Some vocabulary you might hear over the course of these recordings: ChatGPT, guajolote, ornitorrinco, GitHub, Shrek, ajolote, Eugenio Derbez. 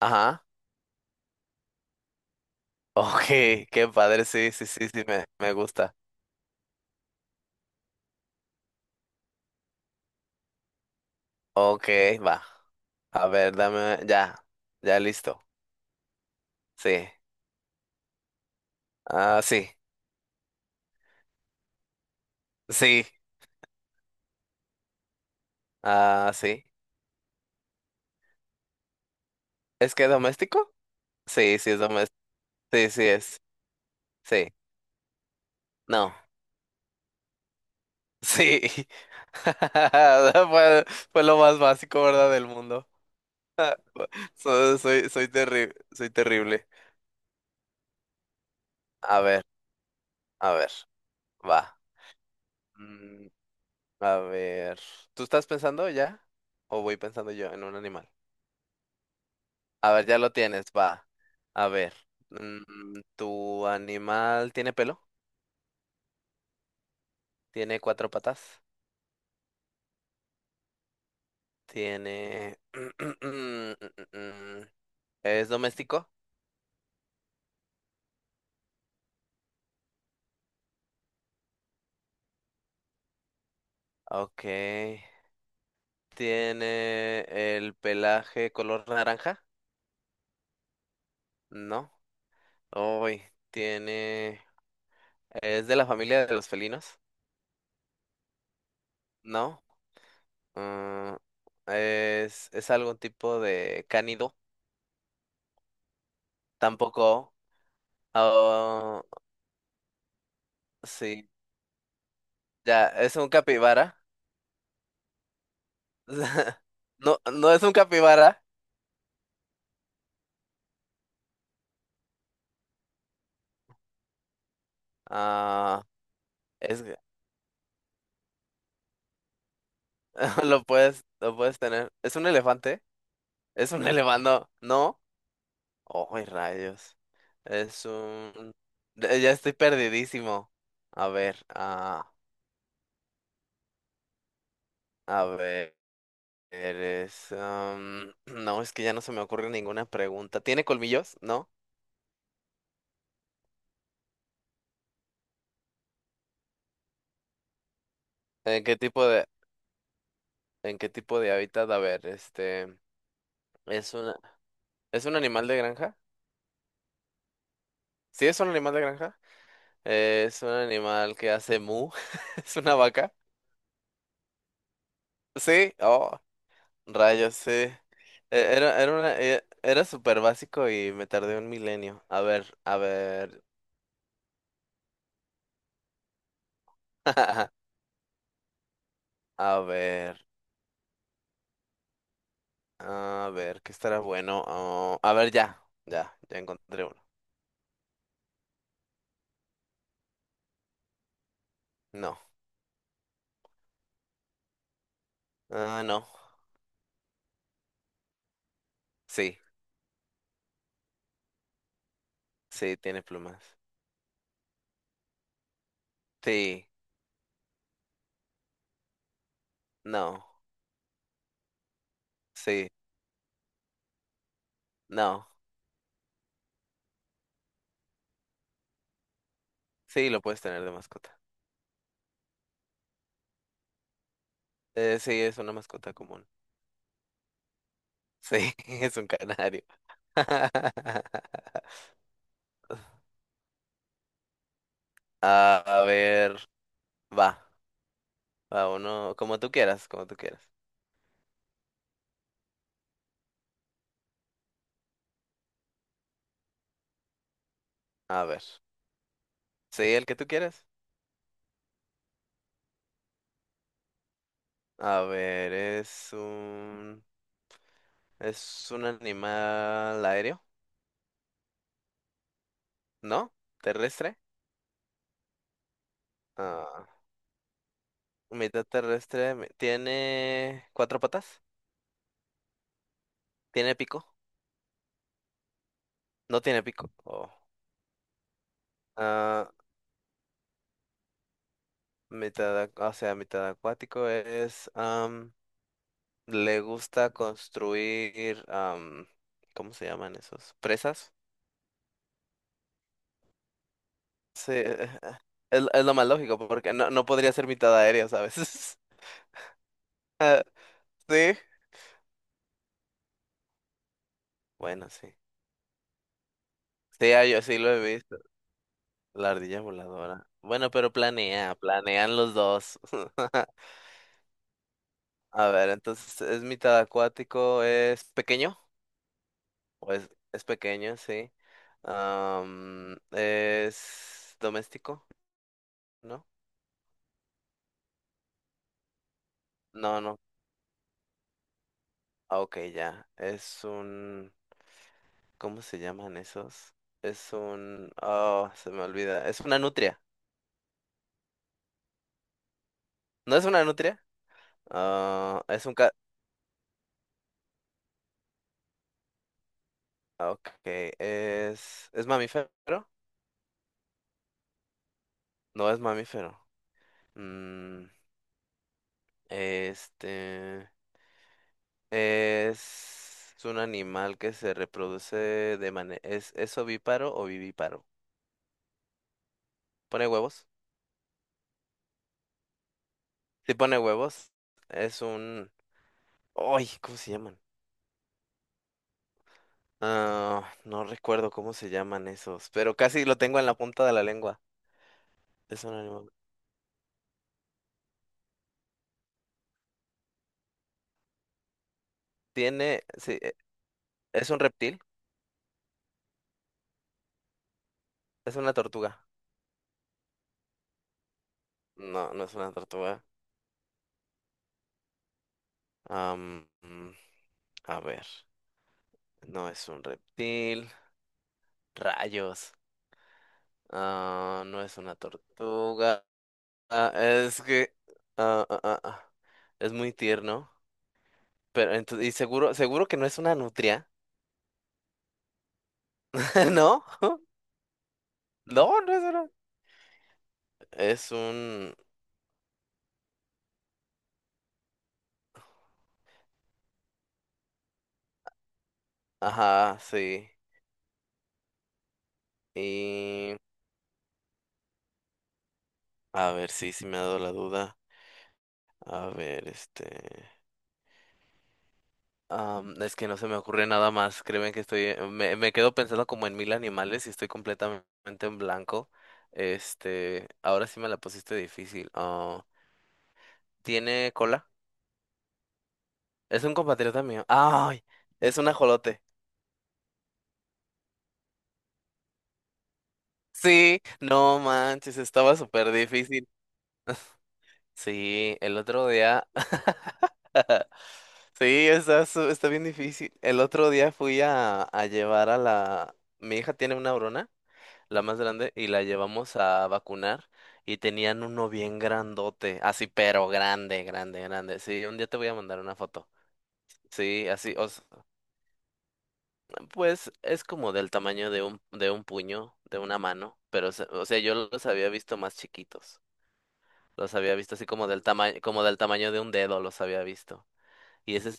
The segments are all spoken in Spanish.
Ajá. Ok, qué padre, sí, sí, sí, sí, me gusta. Ok, va. A ver, dame, ya, ya listo. Sí. Ah, sí, sí, ah, sí. ¿Es que doméstico? Sí, sí es doméstico. Sí, sí es. Sí. No. Sí. Fue, fue lo más básico, ¿verdad? Del mundo. Soy terrible, soy terrible. A ver, a ver, va. Mm, A ver, ¿tú estás pensando ya? ¿O voy pensando yo en un animal? A ver, ya lo tienes, va. A ver, ¿tu animal tiene pelo? ¿Tiene cuatro patas? ¿Tiene... ¿Es doméstico? Ok. ¿Tiene el pelaje color naranja? No. Uy, tiene... ¿Es de la familia de los felinos? No. Mm, ¿es algún tipo de cánido? Tampoco. Oh, sí. Ya, es un capibara. No, no es un capibara. Ah, es lo puedes tener. ¿Es un elefante? ¿Es un elefante? No. Oh, rayos. Es un Ya estoy perdidísimo. A ver, ah, a ver, no, es que ya no se me ocurre ninguna pregunta. ¿Tiene colmillos? ¿No? ¿En qué tipo de en qué tipo de hábitat? A ver, ¿Es un ¿Es un animal de granja? Sí, es un animal de granja. Es un animal que hace mu. ¿Es una vaca? Sí, oh, rayos, sí. Era era súper básico y me tardé un milenio. A ver, a ver. A ver, a ver, ¿qué estará bueno? Oh, a ver, ya, ya, ya encontré uno. No, ah, no, sí, sí, tiene plumas. Sí, no, sí, no, sí, lo puedes tener de mascota. Sí, es una mascota común. Sí, es un canario. A ver, va, va uno, como tú quieras, como tú quieras. A ver, sí, el que tú quieras. A ver, es un animal aéreo, ¿no? Terrestre. Ah, mitad terrestre. Tiene cuatro patas. Tiene pico. No tiene pico. Oh. Ah, o sea, mitad acuático es. Le gusta construir, ¿cómo se llaman esos? ¿Presas? Sí, es lo más lógico, porque no, no podría ser mitad aérea, ¿sabes? Ah, sí. Bueno, sí. Sí, ah, yo sí lo he visto. La ardilla voladora. Bueno, pero planean los dos. A ver, entonces, ¿es mitad acuático? ¿Es pequeño? ¿O es pequeño, sí? ¿Es doméstico? ¿No? No, no. Ah, ok, ya. ¿Cómo se llaman esos? Oh, se me olvida. Es una nutria. ¿No es una nutria? Ah, ah, ok, ¿Es mamífero? No es mamífero. Mm, este... Es un animal que se reproduce ¿Es ovíparo o vivíparo? ¿Pone huevos? Si pone huevos. Es un... ¡Ay! ¿Cómo se llaman? Ah, no recuerdo cómo se llaman esos, pero casi lo tengo en la punta de la lengua. Es un animal. Sí, es un reptil, es una tortuga. No, no es una tortuga. Am, mm, a ver, no es un reptil. Rayos. Ah, no es una tortuga. Ah, es que ah, ah, ah, ah, es muy tierno. Pero entonces, y seguro, seguro que no es una nutria. ¿No? No, no es una. Es un. Ajá, sí. Y. A ver, sí, sí me ha dado la duda. A ver, es que no se me ocurre nada más. Créeme que me quedo pensando como en mil animales y estoy completamente en blanco. Ahora sí me la pusiste difícil. Ah, ¿tiene cola? Es un compatriota mío. ¡Ay! Es un ajolote. Sí, no manches, estaba súper difícil. Sí, el otro día. Sí, está bien difícil. El otro día fui a llevar a la. Mi hija tiene una brona, la más grande, y la llevamos a vacunar y tenían uno bien grandote, así pero grande, grande, grande. Sí, un día te voy a mandar una foto. Sí, así, pues es como del tamaño de un puño, de una mano, pero o sea, yo los había visto más chiquitos. Los había visto así como del tamaño de un dedo, los había visto. Y ese es,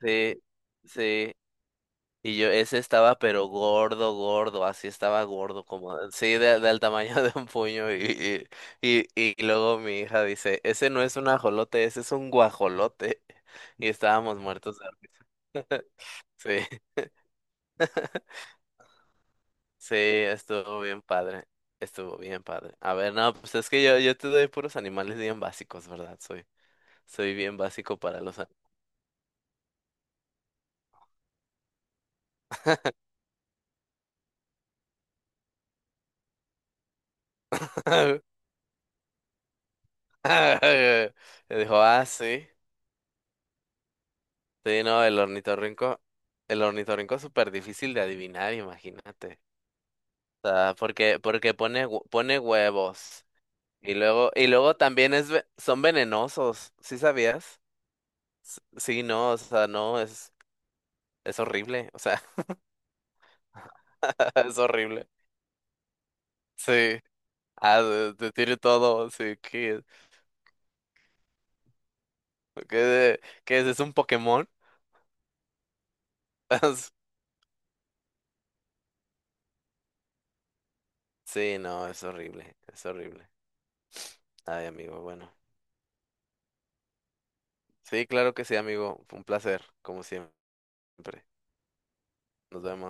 sí, sí. Y yo, ese estaba pero gordo, gordo, así estaba gordo, como, sí, del tamaño de un puño. Y luego mi hija dice, ese no es un ajolote, ese es un guajolote. Y estábamos muertos de risa. Sí, sí, estuvo bien padre, estuvo bien padre. A ver, no, pues es que yo te doy puros animales bien básicos, ¿verdad? Soy bien básico para los animales. Y dijo, ah, sí. Sí, no, el ornitorrinco es súper difícil de adivinar, imagínate. O sea, porque pone huevos. Y luego también son venenosos, ¿sí sabías? Sí, no, o sea, no, es horrible, o sea, es horrible. Sí, ah, te tiene todo, sí, qué, qué es? ¿Es un Pokémon? Sí, no, es horrible, es horrible. Ay, amigo, bueno. Sí, claro que sí, amigo, fue un placer, como siempre. Nos vemos.